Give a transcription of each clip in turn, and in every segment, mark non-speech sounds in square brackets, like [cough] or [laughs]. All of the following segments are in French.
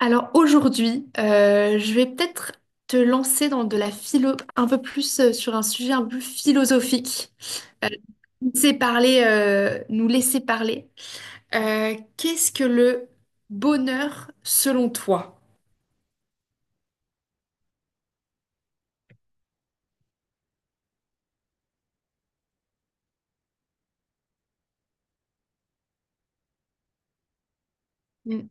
Alors aujourd'hui, je vais peut-être te lancer dans de la philo, un peu plus sur un sujet un peu philosophique. Euh, Laisser parler, nous laisser parler. Qu'est-ce que le bonheur selon toi? Mm.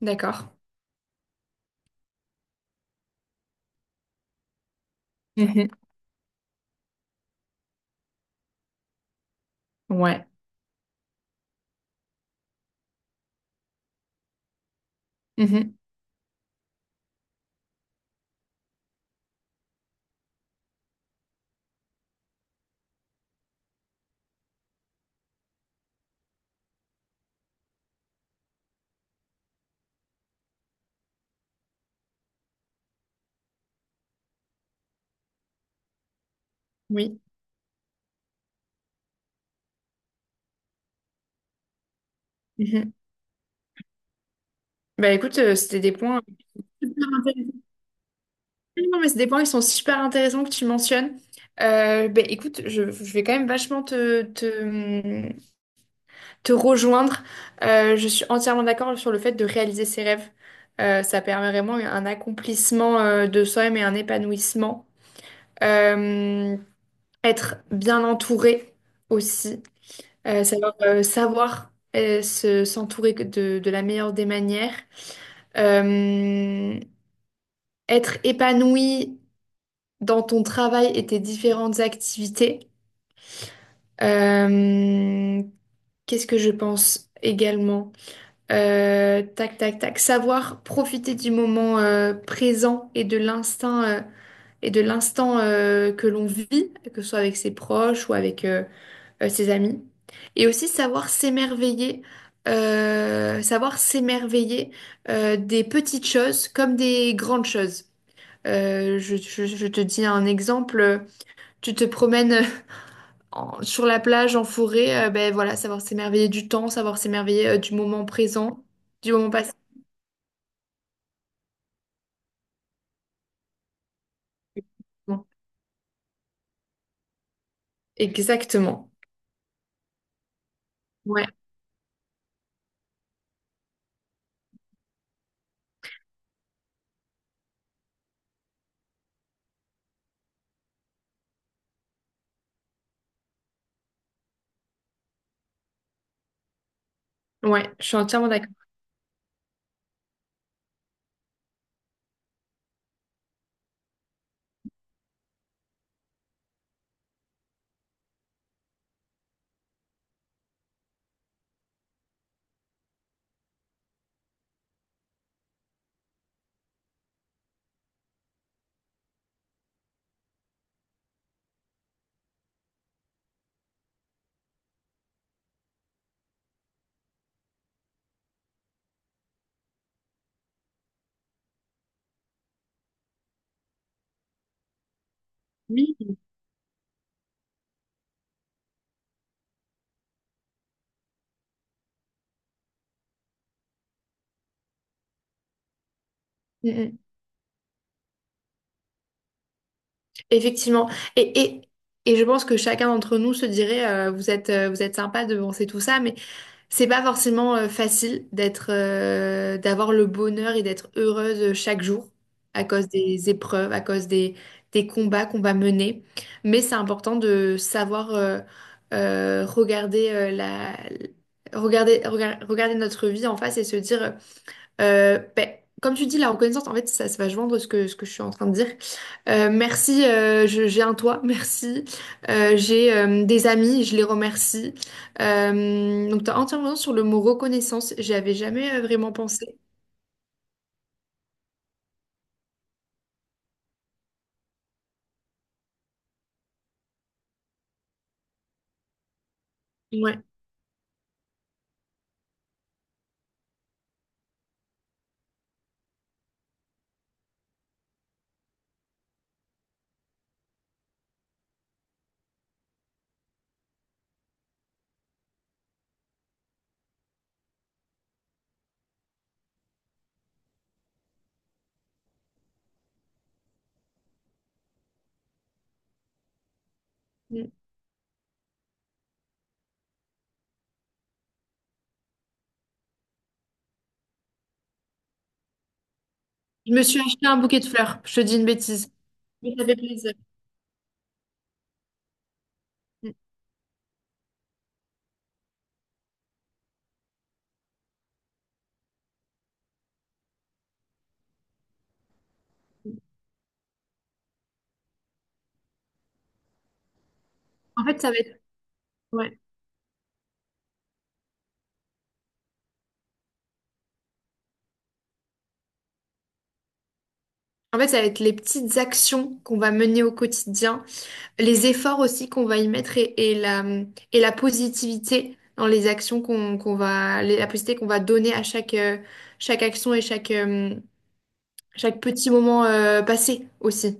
D'accord. Mhm. Ouais. Mhm. Oui. Mhm. Bah écoute, c'était des points intéressants. Non, mais c'est des points qui sont super intéressants que tu mentionnes. Bah écoute, je vais quand même vachement te rejoindre. Je suis entièrement d'accord sur le fait de réaliser ses rêves. Ça permet vraiment un accomplissement de soi-même et un épanouissement. Euh, Être bien entouré aussi. Savoir, s'entourer de la meilleure des manières. Euh, Être épanoui dans ton travail et tes différentes activités. Euh, Qu'est-ce que je pense également? Tac, tac, tac. Savoir profiter du moment présent et de l'instant que l'on vit, que ce soit avec ses proches ou avec ses amis. Et aussi savoir s'émerveiller des petites choses comme des grandes choses. Je te dis un exemple, tu te promènes [laughs] sur la plage, en forêt, ben voilà, savoir s'émerveiller du temps, savoir s'émerveiller du moment présent, du moment passé. Bon, exactement. Ouais, ouais, je suis entièrement d'accord. Mm, mm. Effectivement. Et, et, et je pense que chacun d'entre nous se dirait, vous êtes sympa de penser tout ça, mais c'est pas forcément facile d'avoir le bonheur et d'être heureuse chaque jour à cause des épreuves, des combats qu'on va mener. Mais c'est important de savoir regarder regarder notre vie en face et se dire. Ben, comme tu dis, la reconnaissance, en fait, ça va joindre ce que je suis en train de dire. J'ai un toit, [laughs] merci. J'ai des amis, je les remercie. Donc, tu as entièrement raison sur le mot reconnaissance. J'y avais jamais vraiment pensé. Ouais. Mm. Je me suis acheté un bouquet de fleurs. Je te dis une bêtise. Mais ça fait plaisir. Mm. En fait, ça va être, ouais. En fait, ça va être les petites actions qu'on va mener au quotidien, les efforts aussi qu'on va y mettre et la positivité dans les actions la positivité qu'on va donner à chaque action et chaque petit moment passé aussi.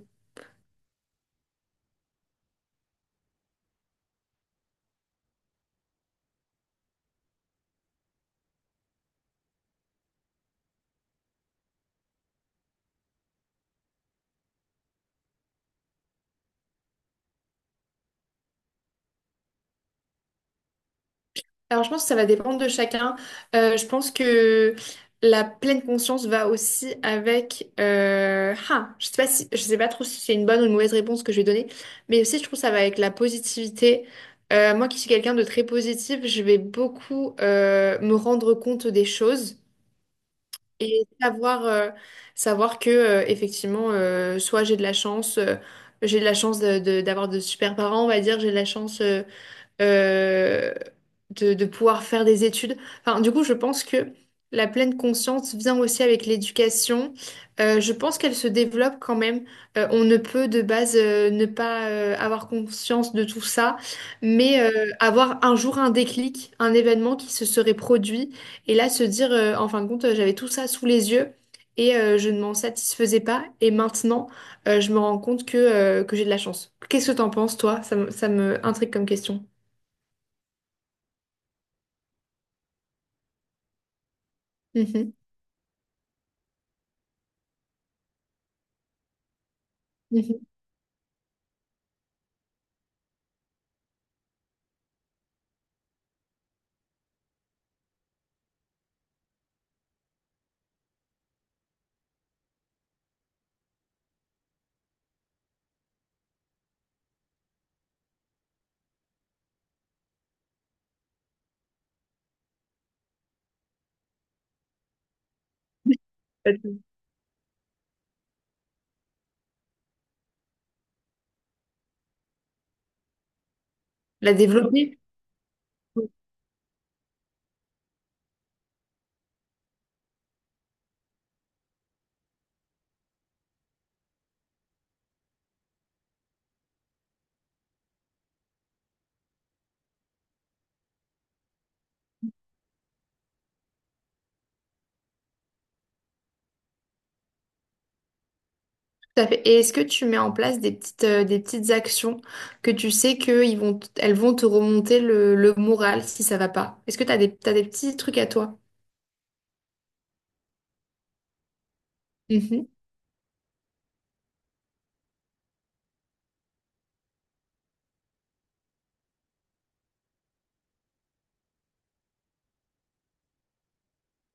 Alors, je pense que ça va dépendre de chacun. Je pense que la pleine conscience va aussi avec. Je sais pas trop si c'est une bonne ou une mauvaise réponse que je vais donner, mais aussi je trouve que ça va avec la positivité. Moi qui suis quelqu'un de très positif, je vais beaucoup me rendre compte des choses et savoir que effectivement, soit j'ai de la chance, j'ai de la chance d'avoir de super parents, on va dire, j'ai de la chance. Euh, de pouvoir faire des études. Enfin, du coup, je pense que la pleine conscience vient aussi avec l'éducation. Je pense qu'elle se développe quand même. On ne peut de base ne pas avoir conscience de tout ça, mais avoir un jour un déclic, un événement qui se serait produit, et là se dire, en fin de compte, j'avais tout ça sous les yeux. Et je ne m'en satisfaisais pas. Et maintenant, je me rends compte que j'ai de la chance. Qu'est-ce que t'en penses, toi? Ça me intrigue comme question. Mhm, mhm. Pas tout. La développer, tout à fait. Et est-ce que tu mets en place des des petites actions que tu sais que elles vont te remonter le moral si ça va pas? Est-ce que tu t'as des petits trucs à toi? Mhm,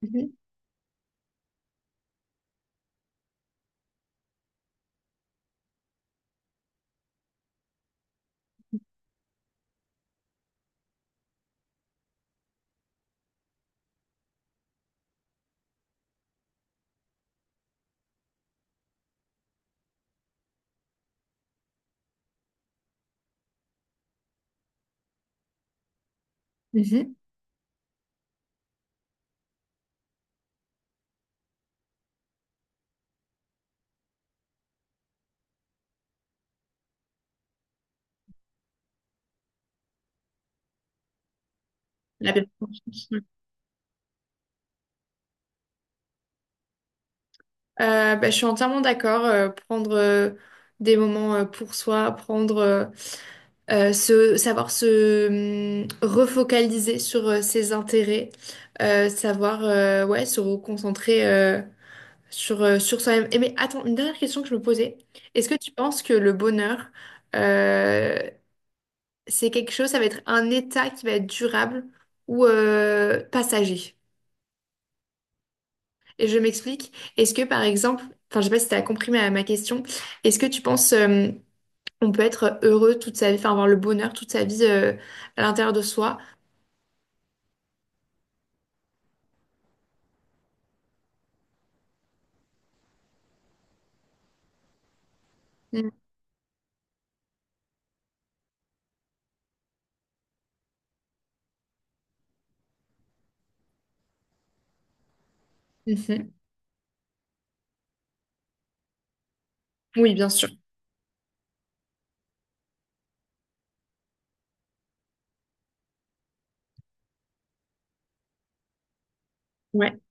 mhm, mhm. La perte conscience, ouais. Bah, je suis entièrement d'accord. Prendre des moments pour soi, savoir se refocaliser sur ses intérêts, savoir ouais, se reconcentrer. Sur, sur soi-même. Et mais attends, une dernière question que je me posais. Est-ce que tu penses que le bonheur, euh, c'est quelque chose, ça va être un état qui va être durable ou passager? Et je m'explique. Est-ce que par exemple, enfin je sais pas si tu as compris ma question, est-ce que tu penses on peut être heureux toute sa vie, enfin avoir le bonheur toute sa vie à l'intérieur de soi? Mm. Mhm. Oui, bien sûr. Ouais.